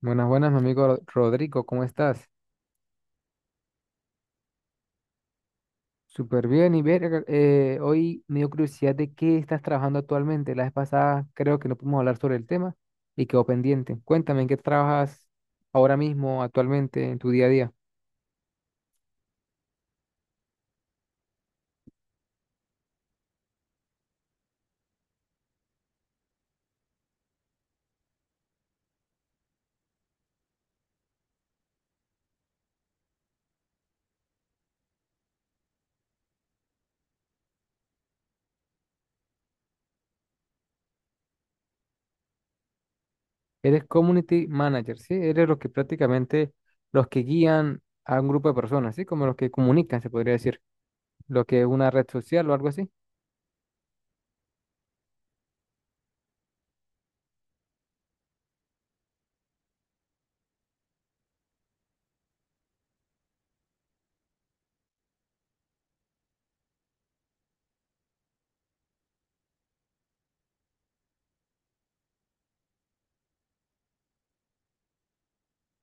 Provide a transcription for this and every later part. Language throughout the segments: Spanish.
Buenas, buenas, mi amigo Rodrigo, ¿cómo estás? Súper bien, y ver, hoy me dio curiosidad de qué estás trabajando actualmente. La vez pasada creo que no pudimos hablar sobre el tema y quedó pendiente. Cuéntame, ¿en qué trabajas ahora mismo, actualmente, en tu día a día? Eres community manager, ¿sí? Eres los que prácticamente, los que guían a un grupo de personas, ¿sí? Como los que comunican, se podría decir, lo que es una red social o algo así.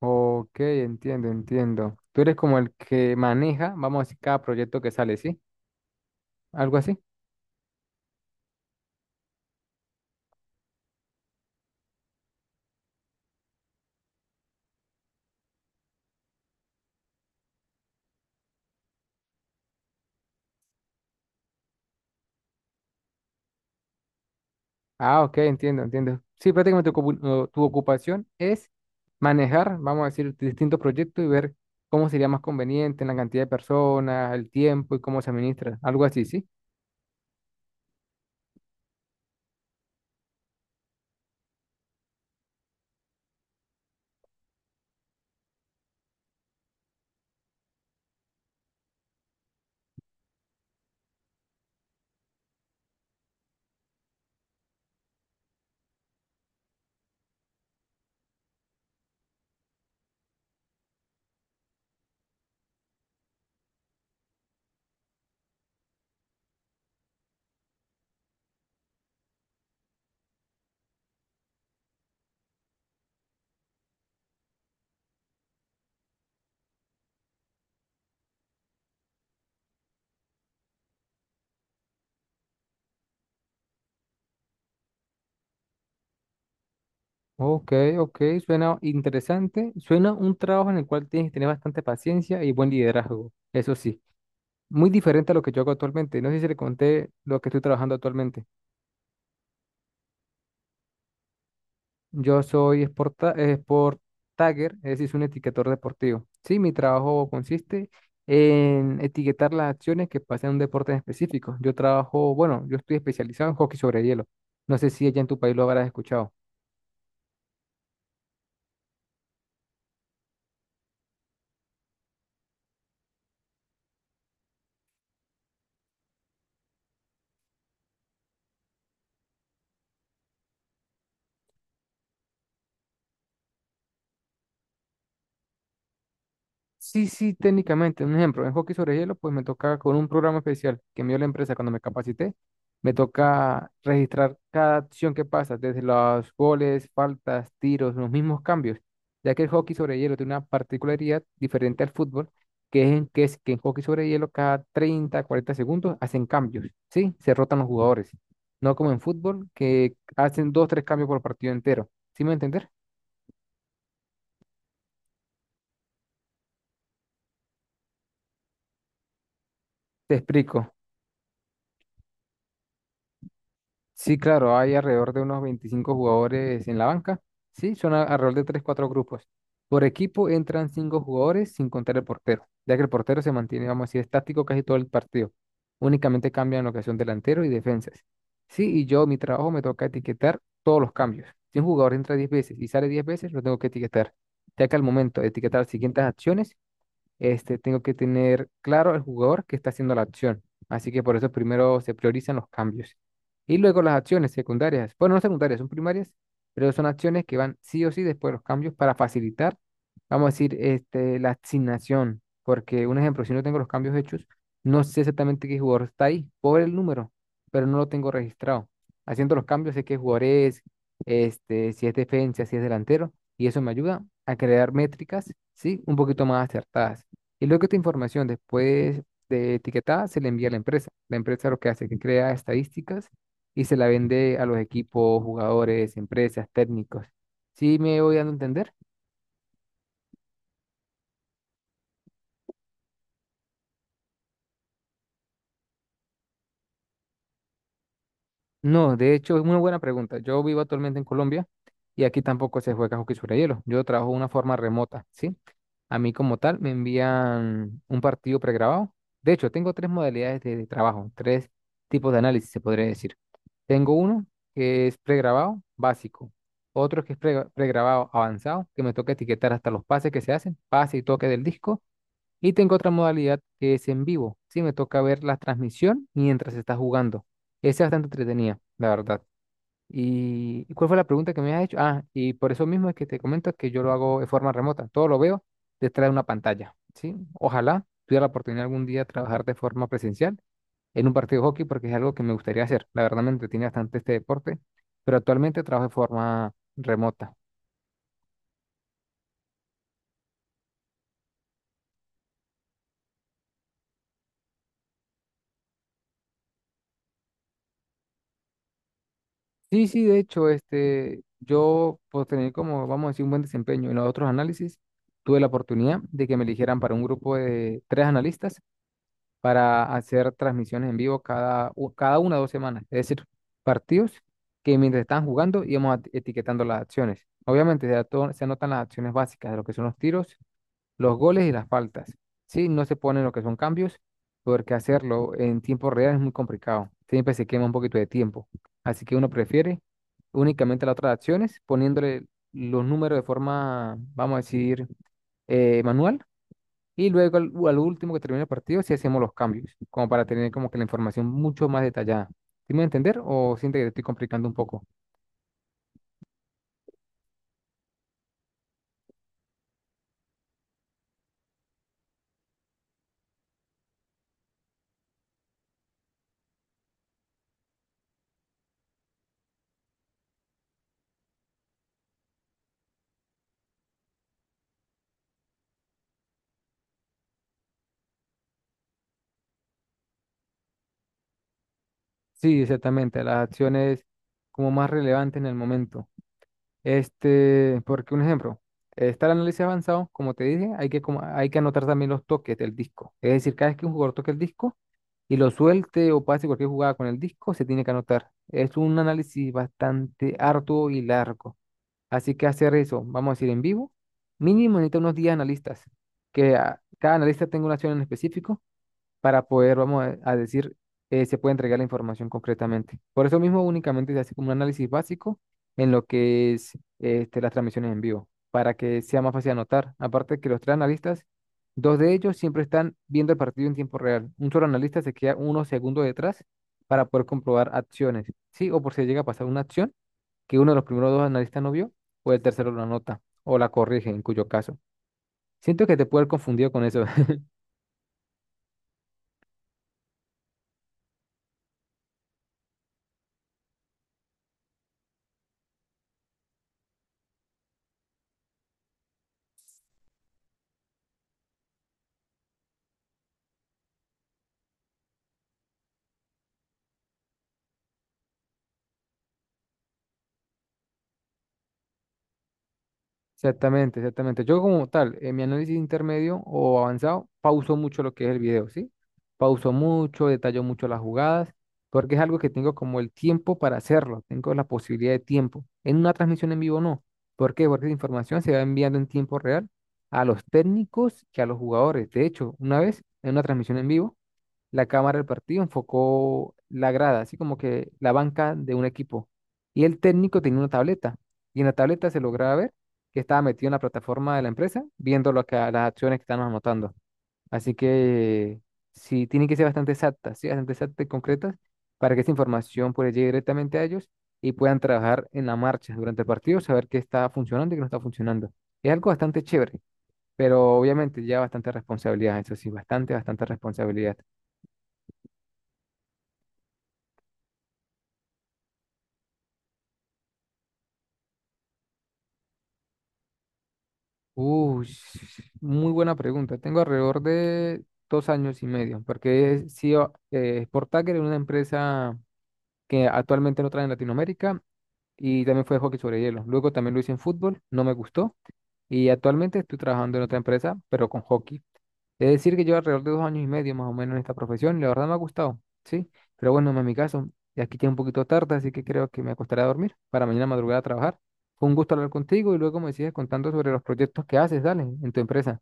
Ok, entiendo, entiendo. Tú eres como el que maneja, vamos a decir, cada proyecto que sale, ¿sí? Algo así. Ah, ok, entiendo, entiendo. Sí, prácticamente tu ocupación es manejar, vamos a decir, distintos proyectos y ver cómo sería más conveniente en la cantidad de personas, el tiempo y cómo se administra, algo así, ¿sí? Ok, ok, suena interesante. Suena un trabajo en el cual tienes que tener bastante paciencia y buen liderazgo, eso sí. Muy diferente a lo que yo hago actualmente. No sé si le conté lo que estoy trabajando actualmente. Yo soy sport tagger, es decir, soy un etiquetador deportivo. Sí, mi trabajo consiste en etiquetar las acciones que pasan en un deporte en específico. Yo trabajo, bueno, yo estoy especializado en hockey sobre hielo. No sé si allá en tu país lo habrás escuchado. Sí, sí, técnicamente. Un ejemplo, en hockey sobre hielo, pues me toca con un programa especial que me dio la empresa cuando me capacité. Me toca registrar cada acción que pasa, desde los goles, faltas, tiros, los mismos cambios, ya que el hockey sobre hielo tiene una particularidad diferente al fútbol, que es, que es que en hockey sobre hielo cada 30, 40 segundos hacen cambios, ¿sí? Se rotan los jugadores. No como en fútbol, que hacen dos, tres cambios por partido entero. ¿Sí me entender? Te explico. Sí, claro, hay alrededor de unos 25 jugadores en la banca. Sí, son alrededor de tres cuatro grupos. Por equipo entran 5 jugadores sin contar el portero, ya que el portero se mantiene, vamos a decir, estático casi todo el partido. Únicamente cambian lo que son delantero y defensas. Sí, y yo, mi trabajo me toca etiquetar todos los cambios. Si un jugador entra 10 veces y sale 10 veces, lo tengo que etiquetar, ya que al momento de etiquetar las siguientes acciones, este, tengo que tener claro el jugador que está haciendo la acción. Así que por eso primero se priorizan los cambios. Y luego las acciones secundarias. Bueno, no secundarias, son primarias, pero son acciones que van sí o sí después de los cambios para facilitar, vamos a decir, este, la asignación. Porque un ejemplo, si no tengo los cambios hechos, no sé exactamente qué jugador está ahí por el número, pero no lo tengo registrado. Haciendo los cambios sé qué jugador es, este, si es defensa, si es delantero, y eso me ayuda a crear métricas, ¿sí? Un poquito más acertadas. Y luego esta información, después de etiquetada, se le envía a la empresa. La empresa lo que hace es que crea estadísticas y se la vende a los equipos, jugadores, empresas, técnicos. ¿Sí me voy dando a entender? No, de hecho, es una buena pregunta. Yo vivo actualmente en Colombia y aquí tampoco se juega hockey sobre hielo. Yo trabajo de una forma remota, ¿sí? A mí como tal me envían un partido pregrabado. De hecho, tengo tres modalidades de trabajo, tres tipos de análisis, se podría decir. Tengo uno que es pregrabado básico, otro que es pregrabado avanzado, que me toca etiquetar hasta los pases que se hacen, pase y toque del disco, y tengo otra modalidad que es en vivo, sí, me toca ver la transmisión mientras se está jugando. Esa es bastante entretenida, la verdad. ¿Y cuál fue la pregunta que me has hecho? Ah, y por eso mismo es que te comento que yo lo hago de forma remota, todo lo veo detrás de una pantalla, ¿sí? Ojalá tuviera la oportunidad algún día de trabajar de forma presencial en un partido de hockey porque es algo que me gustaría hacer. La verdad me entretiene bastante este deporte, pero actualmente trabajo de forma remota. Sí, sí, de hecho, este, yo por tener como, vamos a decir, un buen desempeño en los otros análisis, tuve la oportunidad de que me eligieran para un grupo de tres analistas para hacer transmisiones en vivo cada una o dos semanas. Es decir, partidos que mientras estaban jugando íbamos etiquetando las acciones. Obviamente se anotan las acciones básicas de lo que son los tiros los goles y las faltas. Sí, no se ponen lo que son cambios, porque hacerlo en tiempo real es muy complicado. Siempre se quema un poquito de tiempo. Así que uno prefiere únicamente las otras acciones, poniéndole los números de forma, vamos a decir, manual. Y luego al, al último que termine el partido, si hacemos los cambios, como para tener como que la información mucho más detallada. ¿Sí me voy a entender o siente que te estoy complicando un poco? Sí, exactamente, las acciones como más relevantes en el momento. Este, porque un ejemplo, está el análisis avanzado, como te dije, hay que anotar también los toques del disco. Es decir, cada vez que un jugador toque el disco y lo suelte o pase cualquier jugada con el disco, se tiene que anotar. Es un análisis bastante arduo y largo. Así que hacer eso, vamos a decir en vivo, mínimo necesita unos 10 analistas, que cada analista tenga una acción en específico para poder, vamos a decir, se puede entregar la información concretamente. Por eso mismo únicamente se hace como un análisis básico en lo que es este, las transmisiones en vivo, para que sea más fácil anotar. Aparte que los tres analistas, dos de ellos siempre están viendo el partido en tiempo real. Un solo analista se queda unos segundos detrás para poder comprobar acciones, ¿sí? O por si llega a pasar una acción que uno de los primeros dos analistas no vio, o el tercero la anota, o la corrige en cuyo caso. Siento que te puede haber confundido con eso. Exactamente, exactamente. Yo como tal, en mi análisis intermedio o avanzado, pauso mucho lo que es el video, ¿sí? Pauso mucho, detallo mucho las jugadas, porque es algo que tengo como el tiempo para hacerlo, tengo la posibilidad de tiempo. En una transmisión en vivo no. ¿Por qué? Porque la información se va enviando en tiempo real a los técnicos que a los jugadores. De hecho, una vez en una transmisión en vivo, la cámara del partido enfocó la grada, así como que la banca de un equipo. Y el técnico tenía una tableta. Y en la tableta se lograba ver que estaba metido en la plataforma de la empresa, viendo las acciones que están anotando. Así que sí, tienen que ser bastante exactas, sí, bastante exactas y concretas para que esa información pueda llegar directamente a ellos y puedan trabajar en la marcha durante el partido, saber qué está funcionando y qué no está funcionando. Es algo bastante chévere, pero obviamente ya bastante responsabilidad, eso sí, bastante, bastante responsabilidad. Uy, muy buena pregunta. Tengo alrededor de 2 años y medio, porque he sido Sport Tagger en una empresa que actualmente no trae en Latinoamérica y también fue de hockey sobre hielo. Luego también lo hice en fútbol, no me gustó y actualmente estoy trabajando en otra empresa, pero con hockey. Es decir, que llevo alrededor de 2 años y medio más o menos en esta profesión y la verdad me ha gustado, ¿sí? Pero bueno, en mi caso, y aquí ya un poquito tarde, así que creo que me acostaré a dormir para mañana madrugada a trabajar. Fue un gusto hablar contigo y luego me sigues contando sobre los proyectos que haces, dale, en tu empresa.